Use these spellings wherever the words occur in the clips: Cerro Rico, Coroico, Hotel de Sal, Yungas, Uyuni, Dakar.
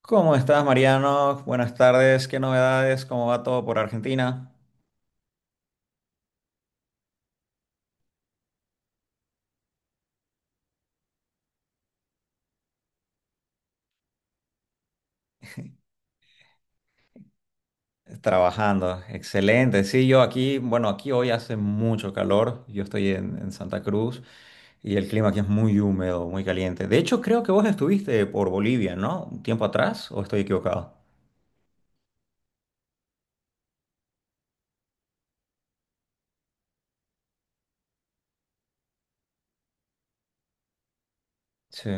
¿Cómo estás, Mariano? Buenas tardes. ¿Qué novedades? ¿Cómo va todo por Argentina? Trabajando. Excelente. Sí, yo aquí, bueno, aquí hoy hace mucho calor. Yo estoy en Santa Cruz y el clima aquí es muy húmedo, muy caliente. De hecho, creo que vos estuviste por Bolivia, ¿no? Un tiempo atrás, ¿o estoy equivocado? Sí.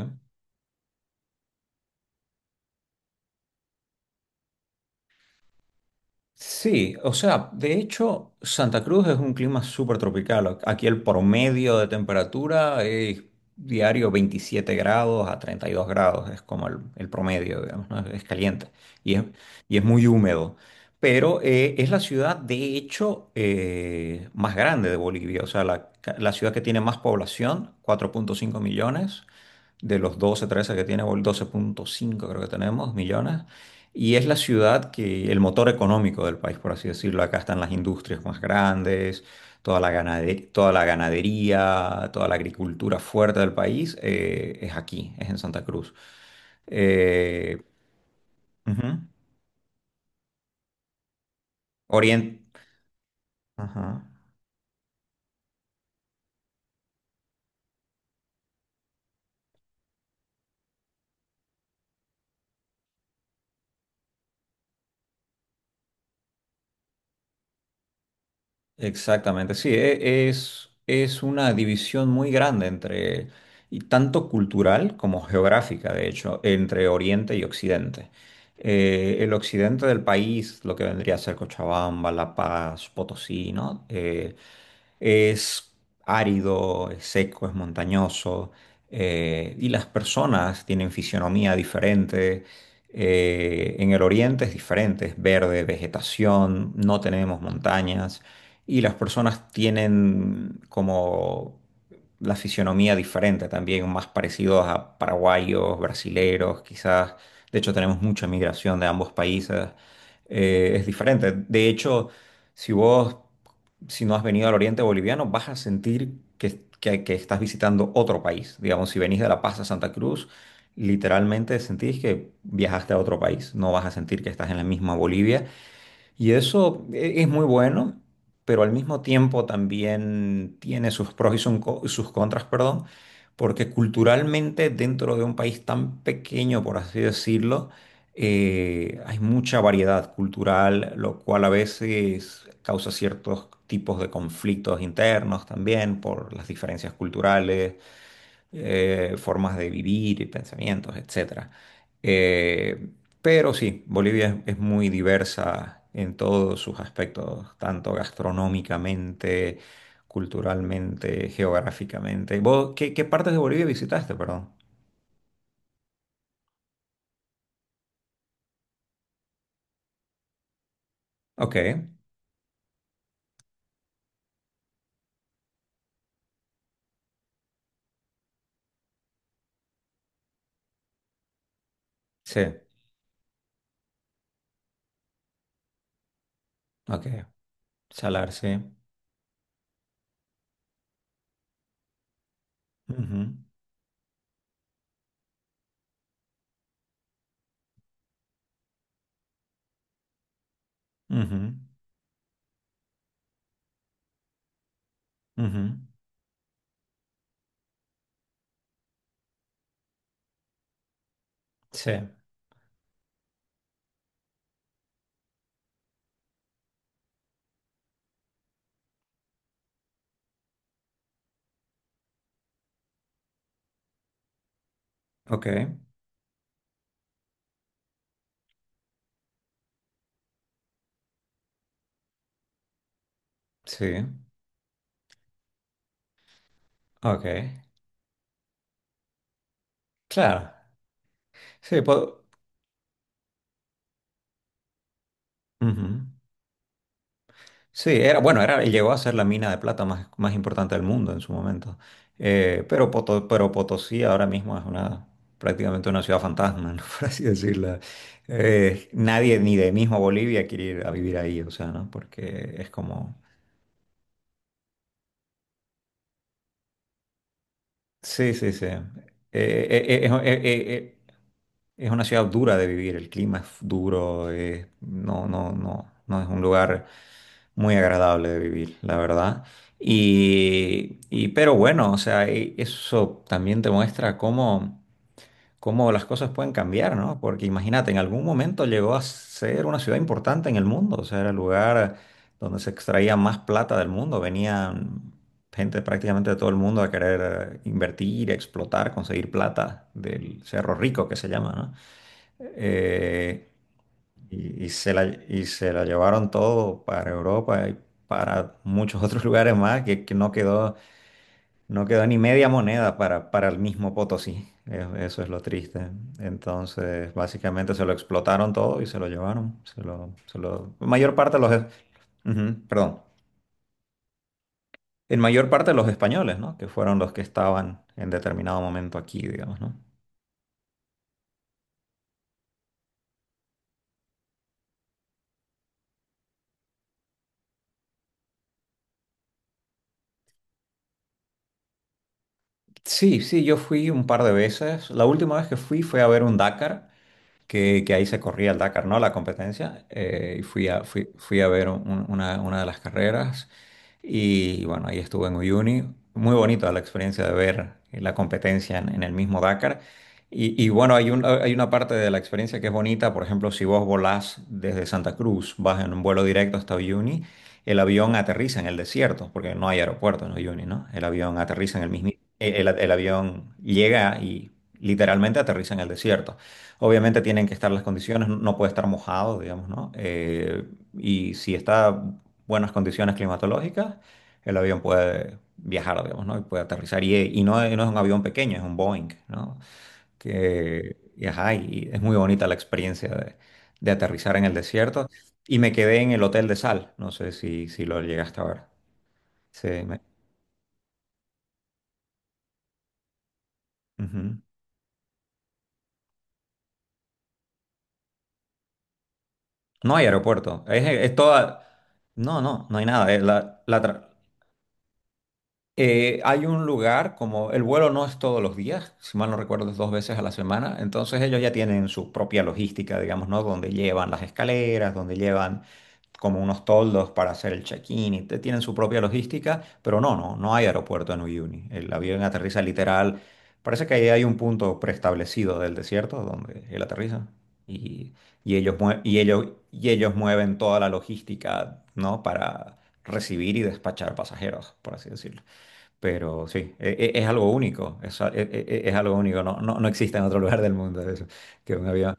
Sí, o sea, de hecho, Santa Cruz es un clima súper tropical. Aquí el promedio de temperatura es diario 27 grados a 32 grados, es como el promedio, digamos, ¿no? Es caliente y es, y es muy húmedo. Pero es la ciudad, de hecho, más grande de Bolivia, o sea, la ciudad que tiene más población, 4,5 millones, de los 12 13 que tiene, o el 12,5 creo que tenemos millones, y es la ciudad que, el motor económico del país, por así decirlo. Acá están las industrias más grandes, toda la ganadería, toda la agricultura fuerte del país, es aquí, es en Santa Cruz. Eh, Ujú. Orien- ajá. Exactamente, sí, es una división muy grande, entre, y tanto cultural como geográfica, de hecho, entre Oriente y Occidente. El occidente del país, lo que vendría a ser Cochabamba, La Paz, Potosí, ¿no? Es árido, es seco, es montañoso, y las personas tienen fisionomía diferente. En el oriente es diferente, es verde, vegetación, no tenemos montañas, y las personas tienen como la fisionomía diferente también, más parecidos a paraguayos, brasileros, quizás. De hecho, tenemos mucha migración de ambos países. Es diferente. De hecho, si vos, si no has venido al Oriente Boliviano, vas a sentir que estás visitando otro país. Digamos, si venís de La Paz a Santa Cruz, literalmente sentís que viajaste a otro país. No vas a sentir que estás en la misma Bolivia, y eso es muy bueno, pero al mismo tiempo también tiene sus pros y sus contras, perdón, porque culturalmente dentro de un país tan pequeño, por así decirlo, hay mucha variedad cultural, lo cual a veces causa ciertos tipos de conflictos internos también por las diferencias culturales, formas de vivir y pensamientos, etcétera. Eh, pero sí, Bolivia es muy diversa en todos sus aspectos, tanto gastronómicamente, culturalmente, geográficamente. ¿Vos qué partes de Bolivia visitaste, perdón? Ok, sí, ok. Salar, sí. Ujú, ujú, ujú. Sí, ok, sí, ok. Claro, sí, puedo. Sí, era, llegó a ser la mina de plata más importante del mundo en su momento. Pero Potosí ahora mismo es prácticamente una ciudad fantasma, ¿no? Por así decirlo. Nadie, ni de mismo Bolivia, quiere ir a vivir ahí, o sea, ¿no? Porque es como, sí, sí, sí. Eh, eh, es, eh, eh, eh, es una ciudad dura de vivir, el clima es duro, no, no, no, no es un lugar muy agradable de vivir, la verdad. Y pero bueno, o sea, eso también te muestra cómo las cosas pueden cambiar, ¿no? Porque imagínate, en algún momento llegó a ser una ciudad importante en el mundo, o sea, era el lugar donde se extraía más plata del mundo, venían gente prácticamente de todo el mundo a querer invertir, explotar, conseguir plata del Cerro Rico, que se llama, ¿no? Eh, y se la llevaron todo para Europa y para muchos otros lugares más, que no quedó ni media moneda para el mismo Potosí. Eso es lo triste. Entonces, básicamente se lo explotaron todo y se lo llevaron. Se lo, se lo, en mayor parte los. Ujú, perdón. En mayor parte los españoles, ¿no? Que fueron los que estaban en determinado momento aquí, digamos, ¿no? Sí, sí, yo fui un par de veces. La última vez que fui, fue a ver un Dakar. Que ahí se corría el Dakar, ¿no? La competencia. Y fui a ver una de las carreras. Y bueno, ahí estuve en Uyuni. Muy bonito la experiencia de ver la competencia en el mismo Dakar. Y bueno, hay una parte de la experiencia que es bonita. Por ejemplo, si vos volás desde Santa Cruz, vas en un vuelo directo hasta Uyuni, el avión aterriza en el desierto, porque no hay aeropuerto en Uyuni, ¿no? El avión aterriza en el mismo. El avión llega y literalmente aterriza en el desierto. Obviamente tienen que estar las condiciones, no puede estar mojado, digamos, ¿no? Y si está en buenas condiciones climatológicas, el avión puede viajar, digamos, ¿no? Y puede aterrizar. Y no es un avión pequeño, es un Boeing, ¿no? Ajá, es muy bonita la experiencia de aterrizar en el desierto. Y me quedé en el Hotel de Sal, no sé si lo llegaste a ver. Sí, ujú. No hay aeropuerto, es toda. No, no, no hay nada. Hay un lugar, como el vuelo no es todos los días, si mal no recuerdo es dos veces a la semana, entonces ellos ya tienen su propia logística, digamos, ¿no? Donde llevan las escaleras, donde llevan como unos toldos para hacer el check-in, y tienen su propia logística, pero no, no, no hay aeropuerto en Uyuni. El avión aterriza literal, parece que ahí hay un punto preestablecido del desierto donde él aterriza, y, y ellos mueven toda la logística, ¿no? Para recibir y despachar pasajeros, por así decirlo. Pero sí, es algo único, es, a- e- e- es algo único, no, no, no existe en otro lugar del mundo eso, que un avión,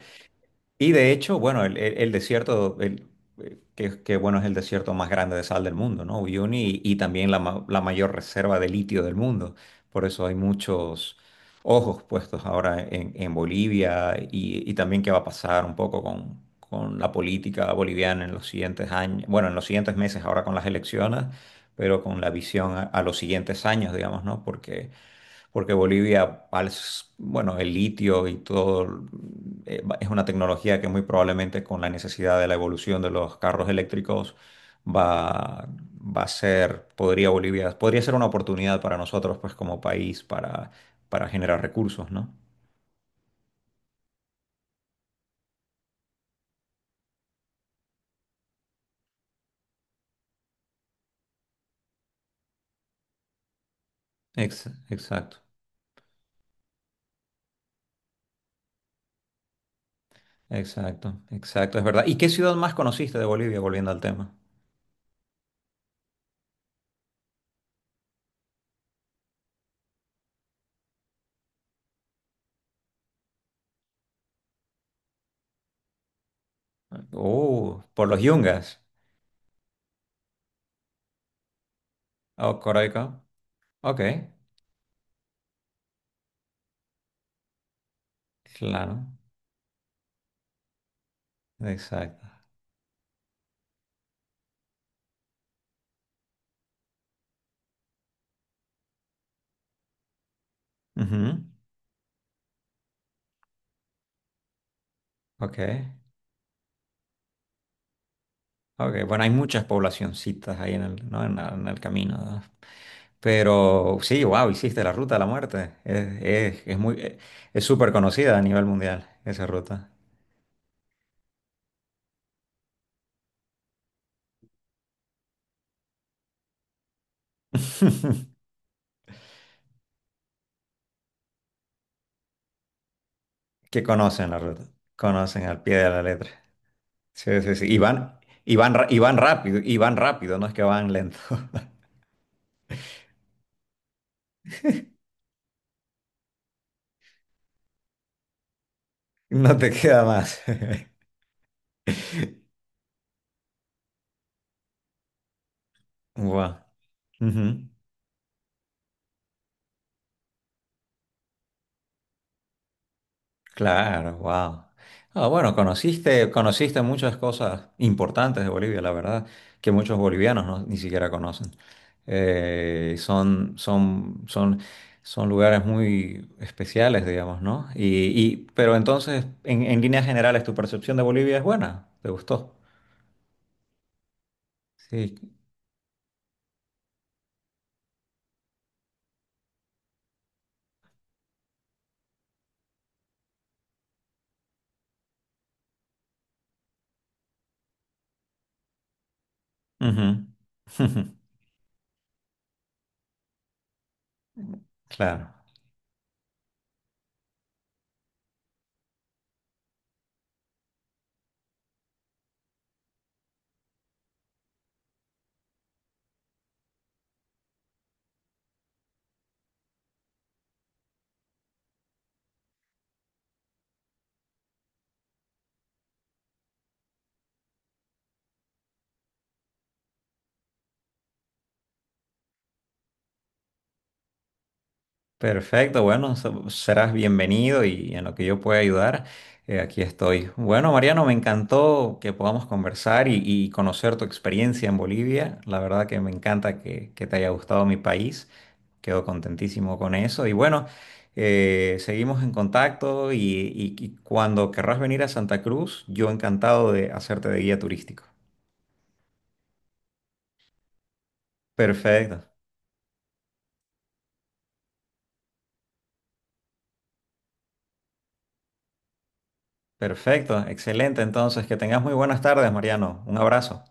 y de hecho, bueno, el desierto, bueno, es el desierto más grande de sal del mundo, ¿no? Uyuni, y también la mayor reserva de litio del mundo. Por eso hay muchos ojos puestos ahora en Bolivia, y también qué va a pasar un poco con la política boliviana en los siguientes años, bueno, en los siguientes meses ahora con las elecciones, pero con la visión a los siguientes años, digamos, ¿no? porque Bolivia, bueno, el litio y todo, es una tecnología que muy probablemente con la necesidad de la evolución de los carros eléctricos va, podría ser una oportunidad para nosotros, pues como país, para generar recursos, ¿no? Exacto, exacto, exacto, es verdad. ¿Y qué ciudad más conociste de Bolivia, volviendo al tema? Oh, por los Yungas. Oh, Coroico. Ok, claro, exacto. Ujú, ok. Ok, bueno, hay muchas poblacioncitas ahí en el, ¿no?, en el camino, ¿no? Pero sí, wow, hiciste la ruta de la muerte. Es muy, es súper conocida a nivel mundial esa ruta. Que conocen la ruta, conocen al pie de la letra. Sí, sí, sí. y van rápido, y van rápido, no es que van lento. No te queda más. Wow. Claro, wow. Ah, bueno, conociste muchas cosas importantes de Bolivia, la verdad, que muchos bolivianos ni siquiera conocen. Eh, son, son, son, son lugares muy especiales, digamos, ¿no? Pero entonces, en líneas generales, ¿tu percepción de Bolivia es buena? ¿Te gustó? Sí. Ujú. Claro. Perfecto, bueno, serás bienvenido, y en lo que yo pueda ayudar, aquí estoy. Bueno, Mariano, me encantó que podamos conversar y conocer tu experiencia en Bolivia. La verdad que me encanta que te haya gustado mi país. Quedo contentísimo con eso. Y bueno, seguimos en contacto, y cuando querrás venir a Santa Cruz, yo encantado de hacerte de guía turístico. Perfecto, perfecto, excelente. Entonces, que tengas muy buenas tardes, Mariano. Un abrazo.